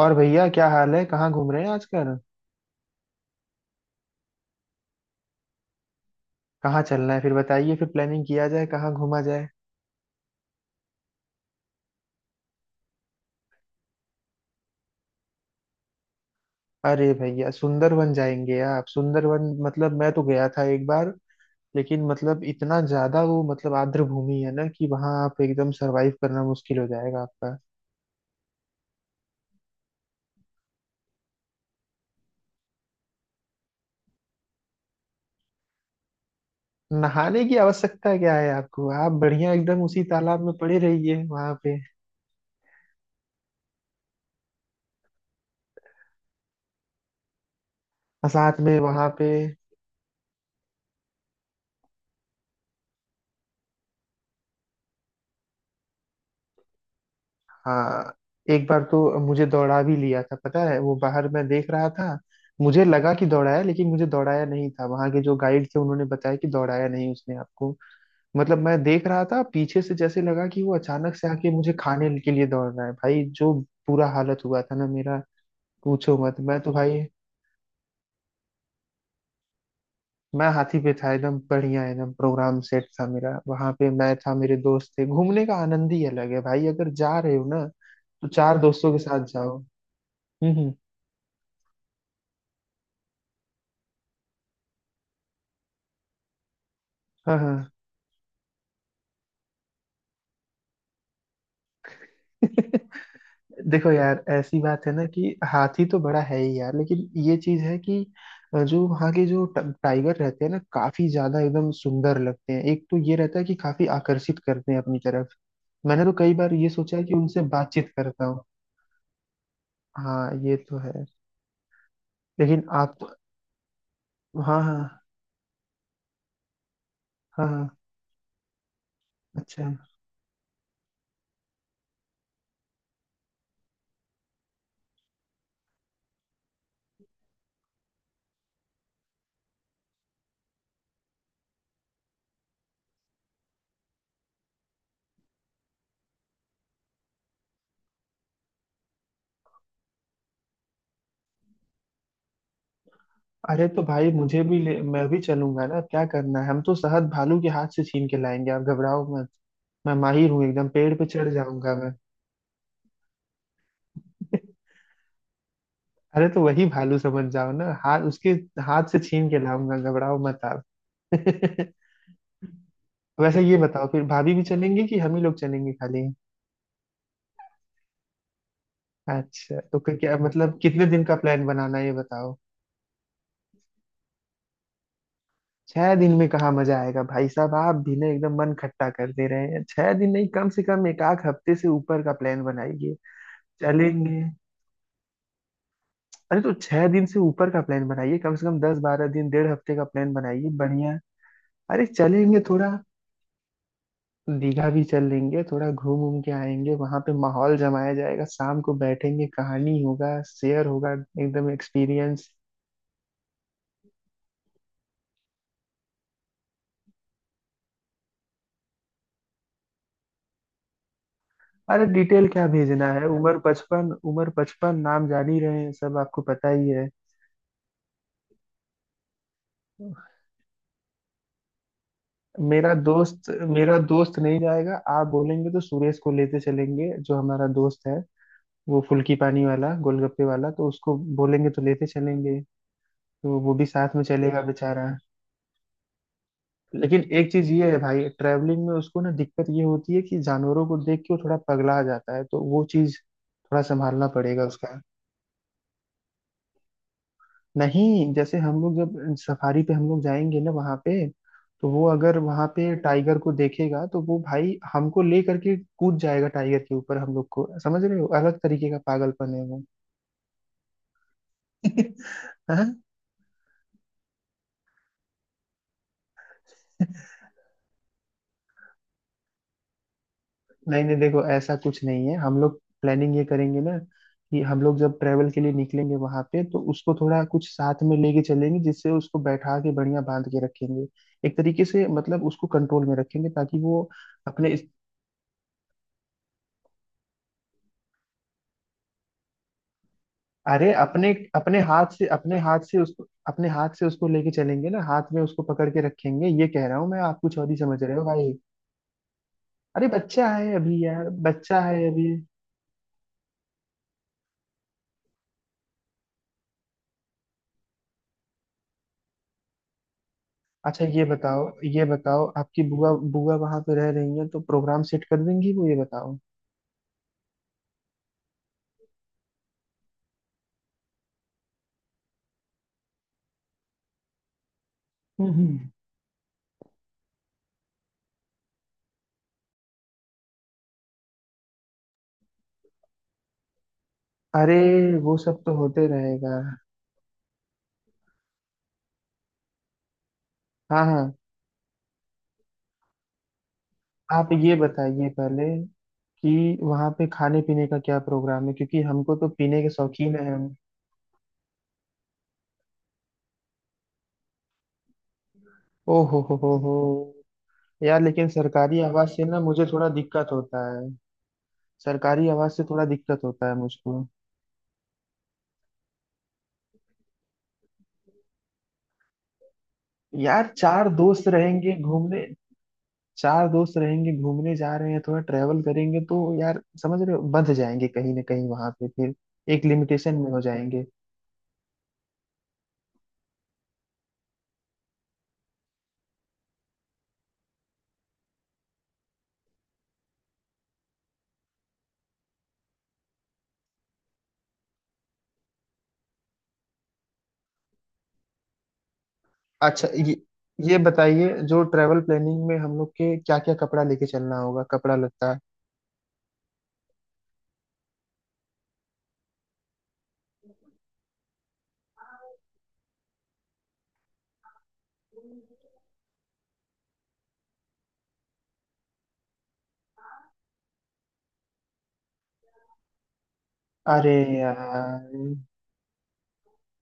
और भैया क्या हाल है? कहाँ घूम रहे हैं आजकल? कहाँ चलना है फिर बताइए। फिर प्लानिंग किया जाए कहाँ घूमा जाए। अरे भैया, सुंदरवन जाएंगे आप? सुंदरवन मतलब मैं तो गया था एक बार, लेकिन मतलब इतना ज्यादा वो मतलब आर्द्र भूमि है ना कि वहां आप एकदम सरवाइव करना मुश्किल हो जाएगा आपका। नहाने की आवश्यकता क्या है आपको? आप बढ़िया एकदम उसी तालाब में पड़े रहिए वहां पे। और साथ में वहां पे। हाँ। एक बार तो मुझे दौड़ा भी लिया था, पता है? वो बाहर मैं देख रहा था, मुझे लगा कि दौड़ाया, लेकिन मुझे दौड़ाया नहीं था। वहां के जो गाइड थे उन्होंने बताया कि दौड़ाया नहीं उसने आपको। मतलब मैं देख रहा था पीछे से, जैसे लगा कि वो अचानक से आके मुझे खाने के लिए दौड़ रहा है भाई जो। बुरा हालत हुआ था ना मेरा। पूछो मत, मैं तो भाई। मैं हाथी पे था। एकदम बढ़िया, एकदम प्रोग्राम सेट था मेरा वहां पे। मैं था, मेरे दोस्त थे। घूमने का आनंद ही अलग है भाई, अगर जा रहे हो ना तो चार दोस्तों के साथ जाओ। हम्म। हाँ हाँ। देखो यार, ऐसी बात है ना कि हाथी तो बड़ा है ही यार, लेकिन ये चीज है कि जो वहाँ के जो टाइगर रहते हैं ना, काफी ज्यादा एकदम सुंदर लगते हैं। एक तो ये रहता है कि काफी आकर्षित करते हैं अपनी तरफ। मैंने तो कई बार ये सोचा है कि उनसे बातचीत करता हूँ। हाँ, ये तो है। लेकिन आप। हाँ हाँ। हाँ हाँ। अच्छा। अरे तो भाई, मुझे भी ले, मैं भी चलूंगा ना। क्या करना है, हम तो शहद भालू के हाथ से छीन के लाएंगे, आप घबराओ मत। मैं माहिर हूँ, एकदम पेड़ पे चढ़ जाऊंगा मैं। अरे तो वही भालू समझ जाओ ना। हाथ उसके हाथ से छीन के लाऊंगा, घबराओ मत आप। वैसे ये बताओ, फिर भाभी भी चलेंगे कि हम ही लोग चलेंगे खाली? अच्छा तो क्या मतलब कितने दिन का प्लान बनाना है ये बताओ। 6 दिन में कहाँ मजा आएगा भाई साहब? आप भी ना एकदम मन खट्टा कर दे रहे हैं। 6 दिन नहीं, कम से कम एक आध हफ्ते से ऊपर का प्लान बनाइए। चलेंगे। अरे तो 6 दिन से ऊपर का प्लान बनाइए। कम से कम 10-12 दिन, 1.5 हफ्ते का प्लान बनाइए बढ़िया। अरे चलेंगे थोड़ा। दीघा भी चल लेंगे। थोड़ा घूम घूम के आएंगे वहां पे, माहौल जमाया जाएगा। शाम को बैठेंगे, कहानी होगा, शेयर होगा। एकदम एक्सपीरियंस। अरे डिटेल क्या भेजना है, उम्र 55 उम्र 55, नाम जान ही रहे हैं, सब आपको पता ही है। मेरा दोस्त। मेरा दोस्त नहीं जाएगा। आप बोलेंगे तो सुरेश को लेते चलेंगे जो हमारा दोस्त है। वो फुल्की पानी वाला, गोलगप्पे वाला, तो उसको बोलेंगे तो लेते चलेंगे। तो वो भी साथ में चलेगा बेचारा। लेकिन एक चीज ये है भाई, ट्रैवलिंग में उसको ना दिक्कत ये होती है कि जानवरों को देख के वो थोड़ा पगला जाता है, तो वो चीज थोड़ा संभालना पड़ेगा उसका। नहीं, जैसे हम लोग जब सफारी पे हम लोग जाएंगे ना वहां पे, तो वो अगर वहां पे टाइगर को देखेगा तो वो भाई हमको ले करके कूद जाएगा टाइगर के ऊपर हम लोग को। समझ रहे हो? अलग तरीके का पागलपन है वो। हाँ? नहीं नहीं, देखो ऐसा कुछ नहीं है। हम लोग प्लानिंग ये करेंगे ना कि हम लोग जब ट्रेवल के लिए निकलेंगे वहां पे तो उसको थोड़ा कुछ साथ में लेके चलेंगे, जिससे उसको बैठा के बढ़िया बांध के रखेंगे। एक तरीके से मतलब उसको कंट्रोल में रखेंगे, ताकि वो अपने इस- अरे, अपने अपने हाथ से उसको लेके चलेंगे ना, हाथ में उसको पकड़ के रखेंगे, ये कह रहा हूँ मैं। आप कुछ और ही समझ रहे हो भाई। अरे बच्चा है अभी यार, बच्चा है अभी। अच्छा ये बताओ, ये बताओ आपकी बुआ, बुआ वहां पे रह रही है तो प्रोग्राम सेट कर देंगी वो, ये बताओ। हम्म। अरे वो सब तो होते रहेगा। हाँ हाँ। आप ये बताइए पहले कि वहाँ पे खाने पीने का क्या प्रोग्राम है, क्योंकि हमको तो पीने के शौकीन है हम। ओ हो हो। यार लेकिन सरकारी आवाज से ना मुझे थोड़ा दिक्कत होता है। सरकारी आवाज से थोड़ा दिक्कत होता है मुझको। यार चार दोस्त रहेंगे घूमने। चार दोस्त रहेंगे घूमने जा रहे हैं, थोड़ा ट्रेवल करेंगे, तो यार समझ रहे हो, बंध जाएंगे कहीं ना कहीं वहां पे फिर। एक लिमिटेशन में हो जाएंगे। अच्छा ये बताइए जो ट्रेवल प्लानिंग में हम लोग के क्या क्या कपड़ा लेके चलना होगा, कपड़ा लत्ता। अरे यार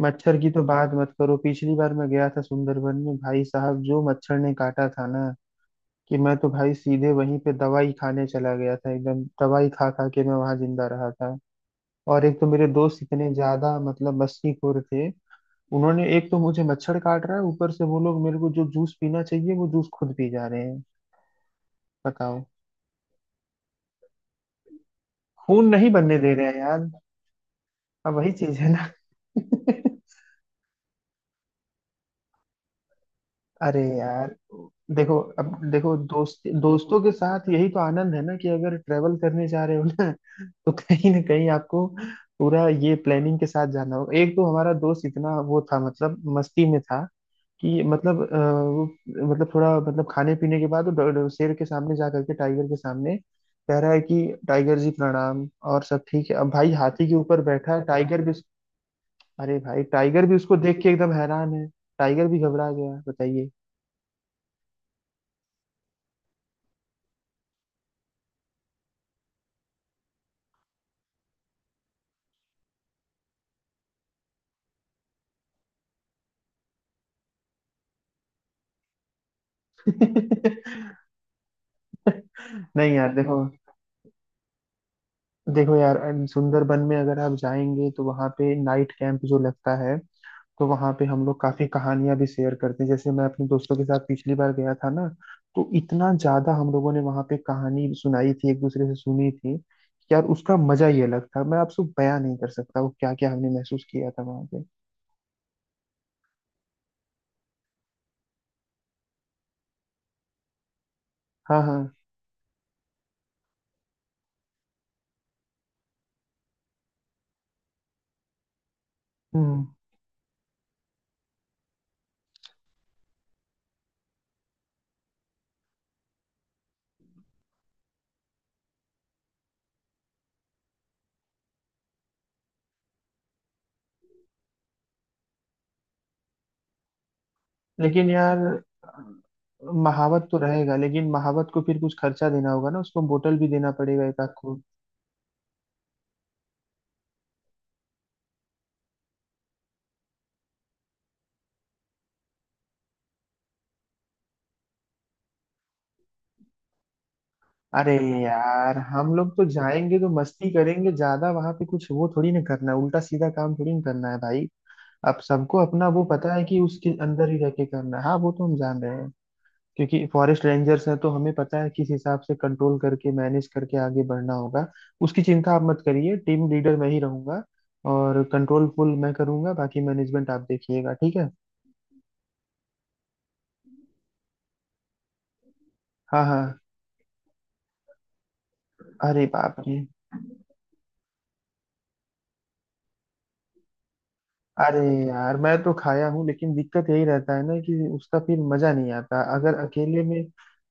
मच्छर की तो बात मत करो। पिछली बार मैं गया था सुंदरबन में, भाई साहब जो मच्छर ने काटा था ना कि मैं तो भाई सीधे वहीं पे दवाई खाने चला गया था। एकदम दवाई खा खा के मैं वहां जिंदा रहा था। और एक तो मेरे दोस्त इतने ज्यादा मतलब मस्तीखोर थे, उन्होंने एक तो मुझे मच्छर काट रहा है, ऊपर से वो लोग मेरे को जो जूस पीना चाहिए वो जूस खुद पी जा रहे हैं। बताओ। खून नहीं बनने दे रहे हैं यार। अब वही चीज है ना। अरे यार, देखो अब देखो, दोस्त दोस्तों के साथ यही तो आनंद है ना, कि अगर ट्रेवल करने जा रहे हो ना तो कहीं ना कहीं आपको पूरा ये प्लानिंग के साथ जाना होगा। एक तो हमारा दोस्त इतना वो था, मतलब मस्ती में था, कि मतलब अ, वो मतलब थोड़ा मतलब खाने पीने के बाद वो शेर के सामने जा करके, टाइगर के सामने कह रहा है कि टाइगर जी प्रणाम और सब ठीक है। अब भाई हाथी के ऊपर बैठा है, टाइगर भी अरे भाई टाइगर भी उसको देख के एकदम हैरान है। टाइगर भी घबरा गया, बताइए। नहीं यार देखो, देखो यार सुंदरबन में अगर आप जाएंगे तो वहां पे नाइट कैंप जो लगता है, तो वहां पे हम लोग काफी कहानियां भी शेयर करते हैं। जैसे मैं अपने दोस्तों के साथ पिछली बार गया था ना, तो इतना ज्यादा हम लोगों ने वहां पे कहानी सुनाई थी, एक दूसरे से सुनी थी, कि यार उसका मजा ही अलग था। मैं आपसे बयां नहीं कर सकता वो क्या क्या हमने महसूस किया था वहां पे। हाँ हाँ। हम्म। लेकिन यार, महावत तो रहेगा लेकिन महावत को फिर कुछ खर्चा देना होगा ना, उसको बोतल भी देना पड़ेगा एक आध को। अरे यार हम लोग तो जाएंगे तो मस्ती करेंगे, ज्यादा वहां पे कुछ वो थोड़ी ना करना है, उल्टा सीधा काम थोड़ी ना करना है भाई। अब सबको अपना वो पता है कि उसके अंदर ही रह के करना है। हाँ, वो तो हम जान रहे हैं। क्योंकि फॉरेस्ट रेंजर्स हैं, तो हमें पता है किस हिसाब से कंट्रोल करके, मैनेज करके आगे बढ़ना होगा। उसकी चिंता आप मत करिए, टीम लीडर मैं ही रहूंगा और कंट्रोल फुल मैं करूंगा, बाकी मैनेजमेंट आप देखिएगा, ठीक है? हाँ हाँ। अरे बाप रे। अरे यार मैं तो खाया हूँ, लेकिन दिक्कत यही रहता है ना कि उसका फिर मजा नहीं आता अगर अकेले में।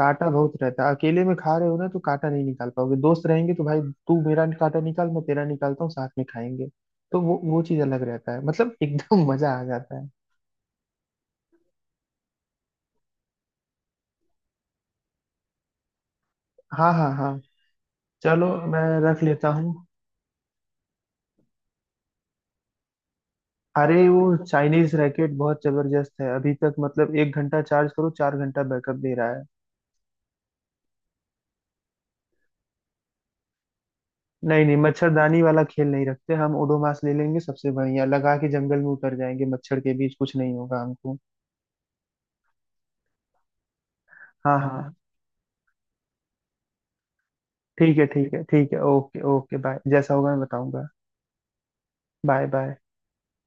काटा बहुत रहता है, अकेले में खा रहे हो ना तो काटा नहीं निकाल पाओगे, दोस्त रहेंगे तो भाई तू मेरा काटा निकाल, मैं तेरा निकालता हूँ, साथ में खाएंगे। तो वो चीज अलग रहता है मतलब, एकदम मजा आ जाता है। हाँ हाँ हाँ। चलो मैं रख लेता हूँ। अरे वो चाइनीज रैकेट बहुत जबरदस्त है अभी तक। मतलब 1 घंटा चार्ज करो, 4 घंटा बैकअप दे रहा है। नहीं नहीं, मच्छरदानी वाला खेल नहीं रखते हम। ओडोमास ले लेंगे, सबसे बढ़िया लगा के जंगल में उतर जाएंगे, मच्छर के बीच कुछ नहीं होगा हमको। हाँ हाँ हाँ। ठीक है, ठीक है, ठीक है, ओके ओके, बाय। जैसा होगा मैं बताऊंगा। Bye bye.